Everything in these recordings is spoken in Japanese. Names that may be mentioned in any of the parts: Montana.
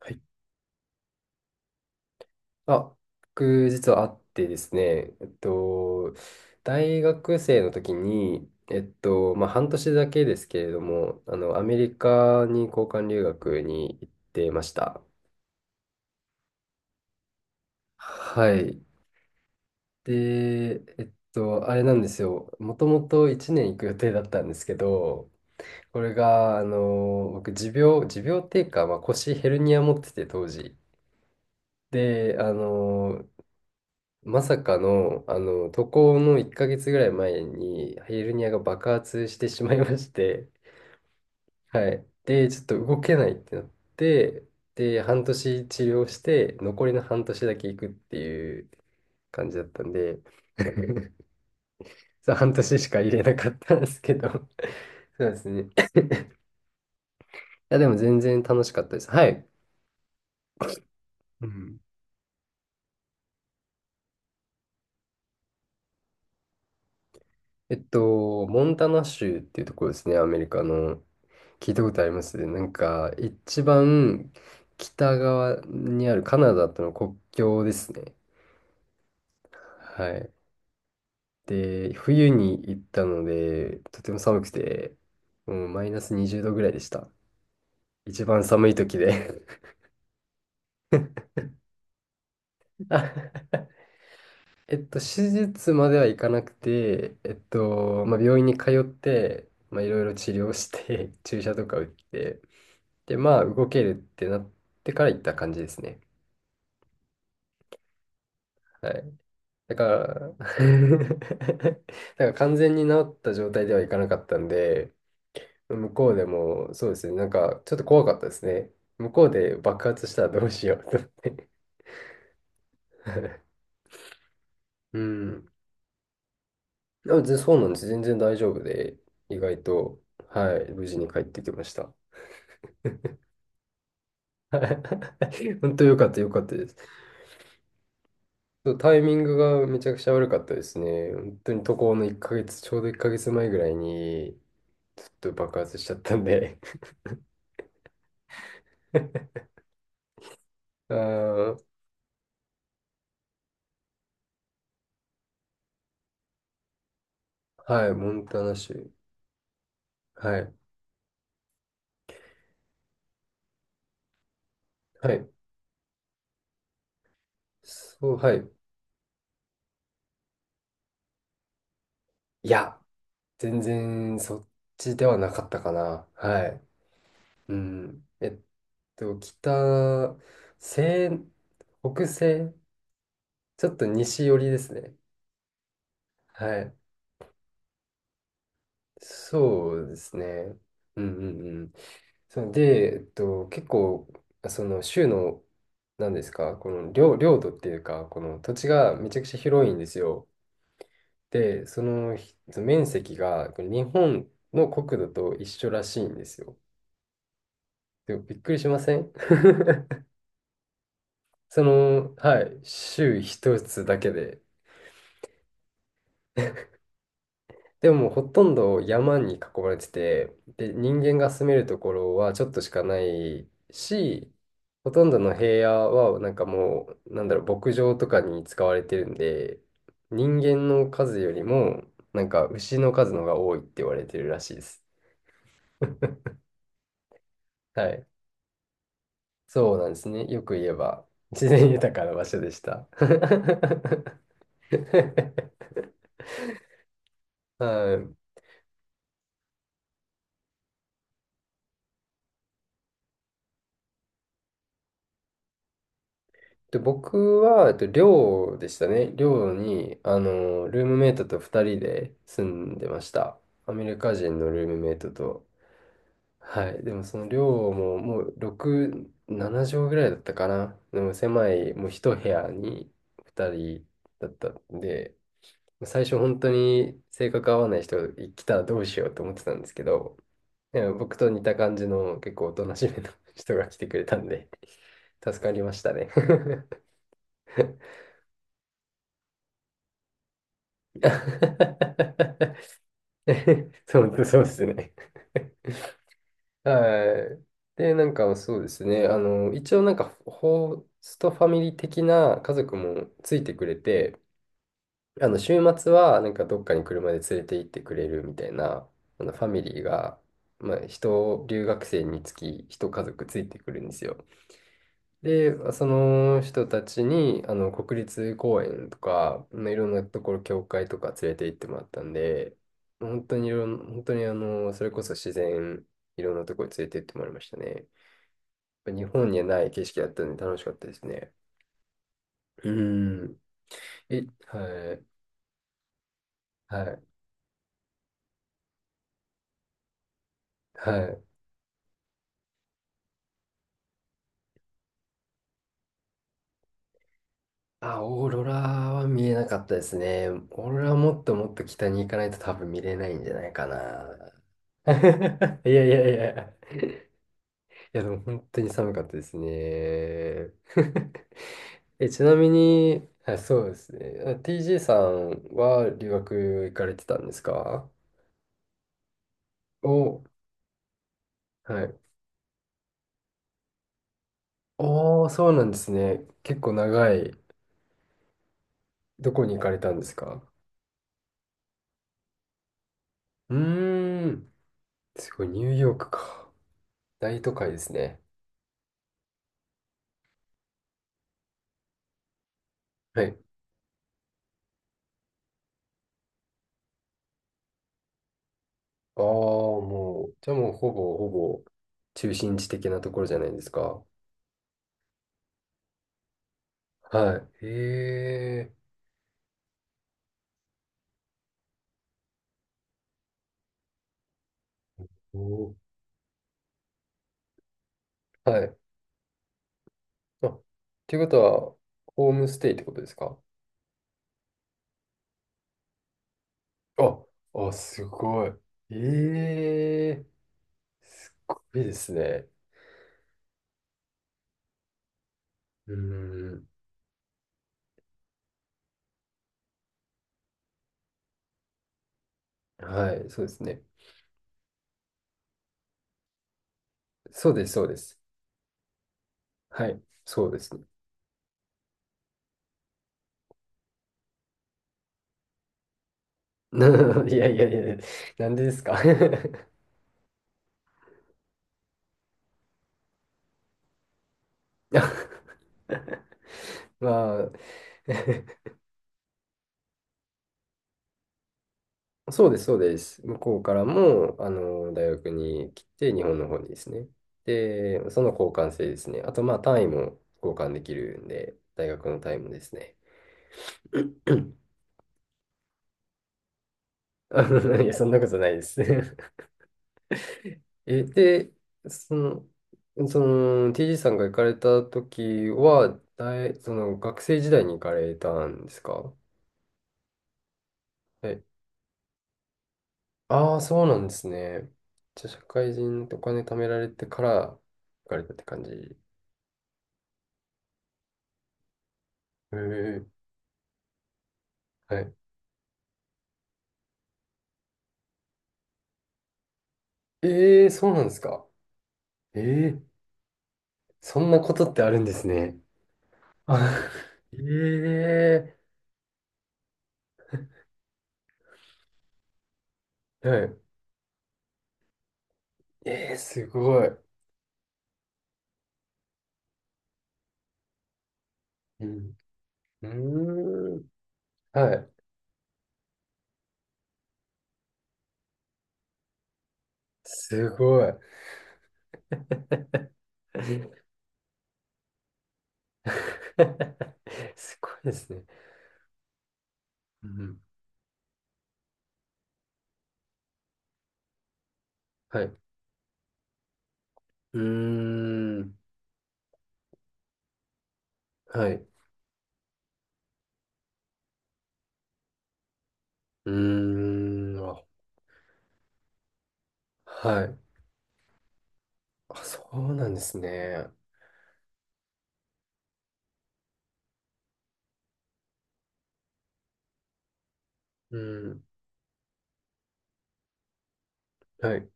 はい。あ、僕、実はあってですね、大学生の時に、まあ、半年だけですけれども、アメリカに交換留学に行ってました。はい。で、あれなんですよ。もともと1年行く予定だったんですけど、これが、僕、持病っていうか、まあ、腰ヘルニア持ってて、当時。で、まさかの、渡航の1ヶ月ぐらい前に、ヘルニアが爆発してしまいまして、はい。で、ちょっと動けないってなって、で、半年治療して、残りの半年だけ行くっていう感じだったんで、そう、半年しか入れなかったんですけど、そうですね。いや、でも全然楽しかったです。はい。うん。モンタナ州っていうところですね、アメリカの。聞いたことありますね。なんか、一番北側にあるカナダとの国境ですね。はい。で、冬に行ったので、とても寒くて、もうマイナス20度ぐらいでした。一番寒い時で。 あ、手術まではいかなくて、まあ、病院に通って、まあ、いろいろ治療して 注射とか打って、で、まあ、動けるってなってから行った感じですね。はい。だから、だから完全に治った状態ではいかなかったんで、向こうでも、そうですね、なんかちょっと怖かったですね。向こうで爆発したらどうしようと思って。うん。あ、全然そうなんです。全然大丈夫で、意外と、はい、無事に帰ってきました。本当よかったよかったです。そうタイミングがめちゃくちゃ悪かったですね。本当に渡航の1ヶ月、ちょうど1ヶ月前ぐらいに、ちょっと爆発しちゃったんで。あー、はい、モンタナ州。はい、はい。そう、はい。いや、全然そっちではなかったかな。はい。うん。北、西、北西、ちょっと西寄りですね。はい。そうですね。うんうんうん。そので、結構、その州の、なんですか、この領土っていうか、この土地がめちゃくちゃ広いんですよ。で、そのひ面積がこれ日本の国土と一緒らしいんですよ。でもびっくりしません？ その、はい、州一つだけで。でももうほとんど山に囲まれてて、で、人間が住めるところはちょっとしかないし、ほとんどの平野はなんかもう、なんだろう、牧場とかに使われてるんで、人間の数よりも、なんか牛の数の方が多いって言われてるらしいです。はい、そうなんですね。よく言えば、自然豊かな場所でした。はい。で、僕は、寮でしたね。寮に、ルームメイトと2人で住んでました。アメリカ人のルームメイトと。はい。でも、その寮も、もう、6、7畳ぐらいだったかな。でも、狭い、もう一部屋に2人だったんで、最初、本当に性格合わない人が来たらどうしようと思ってたんですけど、でも僕と似た感じの結構おとなしめの 人が来てくれたんで、助かりましたね。そう、そうですね。はい。で、なんかそうですね。一応なんかホストファミリー的な家族もついてくれて、週末はなんかどっかに車で連れて行ってくれるみたいな、あのファミリーが、まあ、留学生につき一家族ついてくるんですよ。で、その人たちに、国立公園とか、まあいろんなところ、教会とか連れて行ってもらったんで、本当にいろん、本当にそれこそ自然、いろんなところに連れて行ってもらいましたね。やっぱ日本にはない景色だったんで楽しかったですね。うん。え、はい、はい、はい。あ、オーロラは見えなかったですね。オーロラはもっともっと北に行かないと多分見れないんじゃないかな。いやいやいや。いや、でも本当に寒かったですね。え、ちなみに、あ、そうですね。あ、 TJ さんは留学行かれてたんですか？お、はい。おー、そうなんですね。結構長い。どこに行かれたんですか？うーん。すごい、ニューヨークか。大都会ですね。はい。ああ、もう、じゃあもうほぼほぼ中心地的なところじゃないですか。はい。へえ。おー、はい。あ、っていうことは、ホームステイってことですか？あ、あ、すごい。ええ、すっごいですね。うーん。はい、そうですね。そうです、そうです。はい、そうですね。いやいやいや、なんでですか？ あ、まあ、そうです、そうです。向こうからも、大学に来て、日本の方にですね。で、その交換生ですね。あと、まあ、単位も交換できるんで、大学の単位もですね。いや、そんなことないです。え、で、その、TG さんが行かれた時は、大、その、学生時代に行かれたんですか？はい。ああ、そうなんですね。じゃあ、社会人でお金貯められてから行かれたって感じ。ええ、はい。ええ、そうなんですか。ええ、そんなことってあるんですね。あ、ええ、はい。ええ、すごい。うん。うーん。はい。すごい。すごいですね。うん、はい。うーん。はい。うーん。あ、はい。あ、そうなんですね。うん。はい。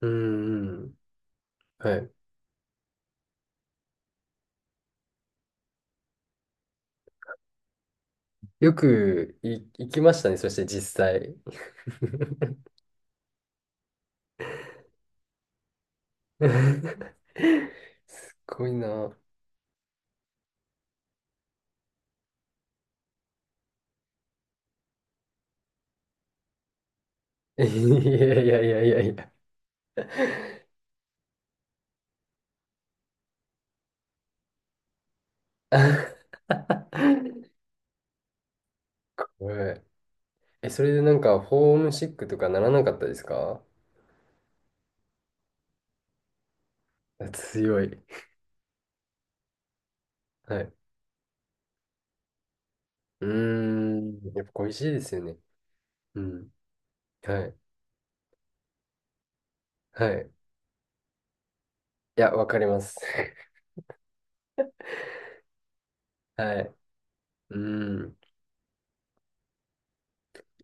うん、うん。はい。よく行きましたね。そして実際。すっごいな。いやいやいやいやいや。はい。え、それでなんか、ホームシックとかならなかったですか？強い。はい。うーん。やっぱ恋しいですよね。うん。はい。はい。いや、わかります。はい。うーん。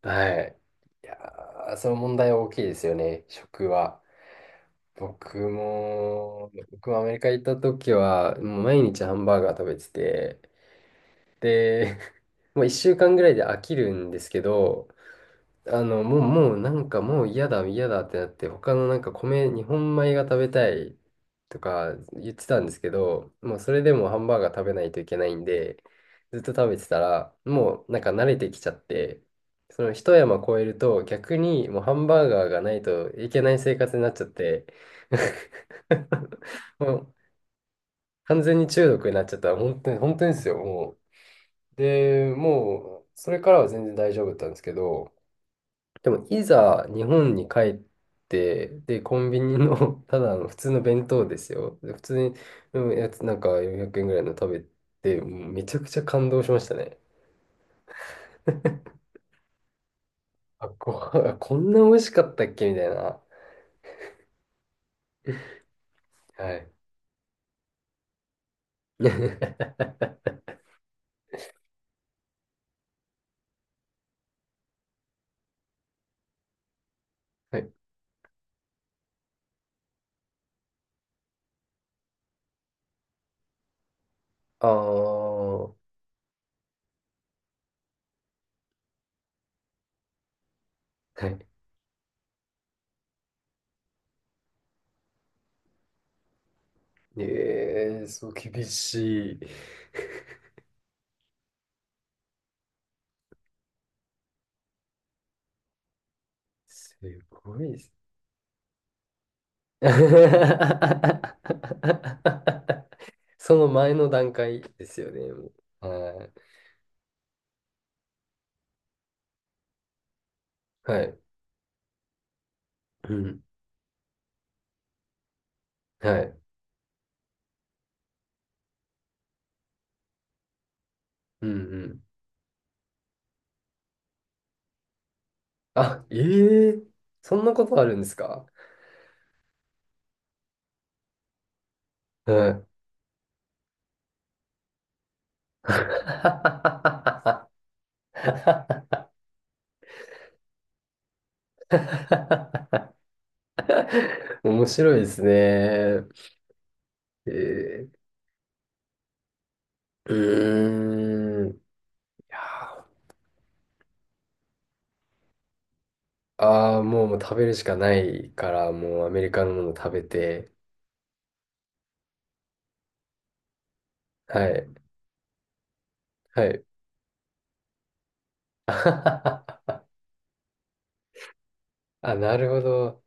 はい。いやー、その問題は大きいですよね。食は。僕もアメリカ行った時は、もう毎日ハンバーガー食べてて、で、もう1週間ぐらいで飽きるんですけど、もう、なんかもう嫌だ、嫌だってなって、他のなんか日本米が食べたいとか言ってたんですけど、もうそれでもハンバーガー食べないといけないんで、ずっと食べてたら、もうなんか慣れてきちゃって、その一山越えると逆にもうハンバーガーがないといけない生活になっちゃって、もう完全に中毒になっちゃったら、本当に、本当にですよ、もう。で、もう、それからは全然大丈夫だったんですけど、でも、いざ日本に帰って、で、コンビニの ただの普通の弁当ですよ。で普通に、うん、やつ、なんか400円ぐらいの食べて、もうめちゃくちゃ感動しましたね。あ、ご飯、こんな美味しかったっけみたいな。はい。はい。ああ、はい。ええ、そう、厳しい。すごいです。その前の段階ですよね。もう、はい。はい。うん、はい。うんうん。あ、ええ、そんなことあるんですか？はい。面白いですね。えー、うーん。いやー、あー、もう食べるしかないから、もうアメリカのもの食べて。はい。はい。あ、なるほど。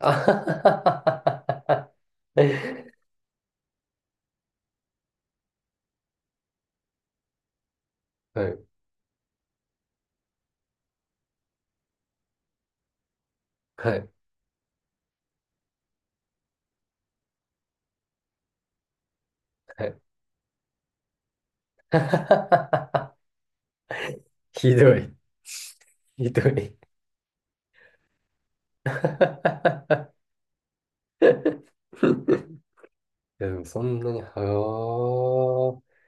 あ、はい。はい。はい。ひどい。ひどい。いやでもそんなに、はあ、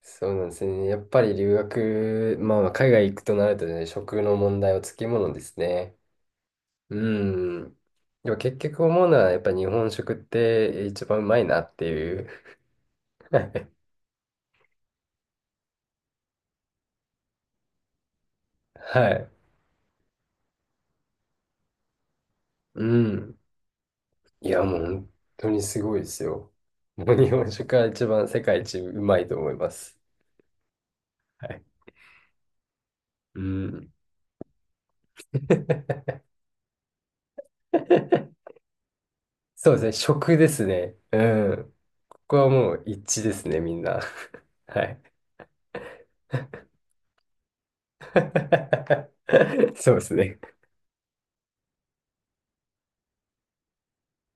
そうなんですね。やっぱり留学、まあまあ海外行くとなるとね、食の問題はつきものですね。うん。でも結局思うのは、やっぱ日本食って一番うまいなっていう。はい。うん。いや、もう本当にすごいですよ。もう日本食が一番世界一うまいと思います。はい。うん。そうですね、食ですね。うん。ここはもう一致ですね、みんな。はい。そうですね。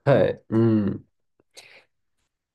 はい。うん。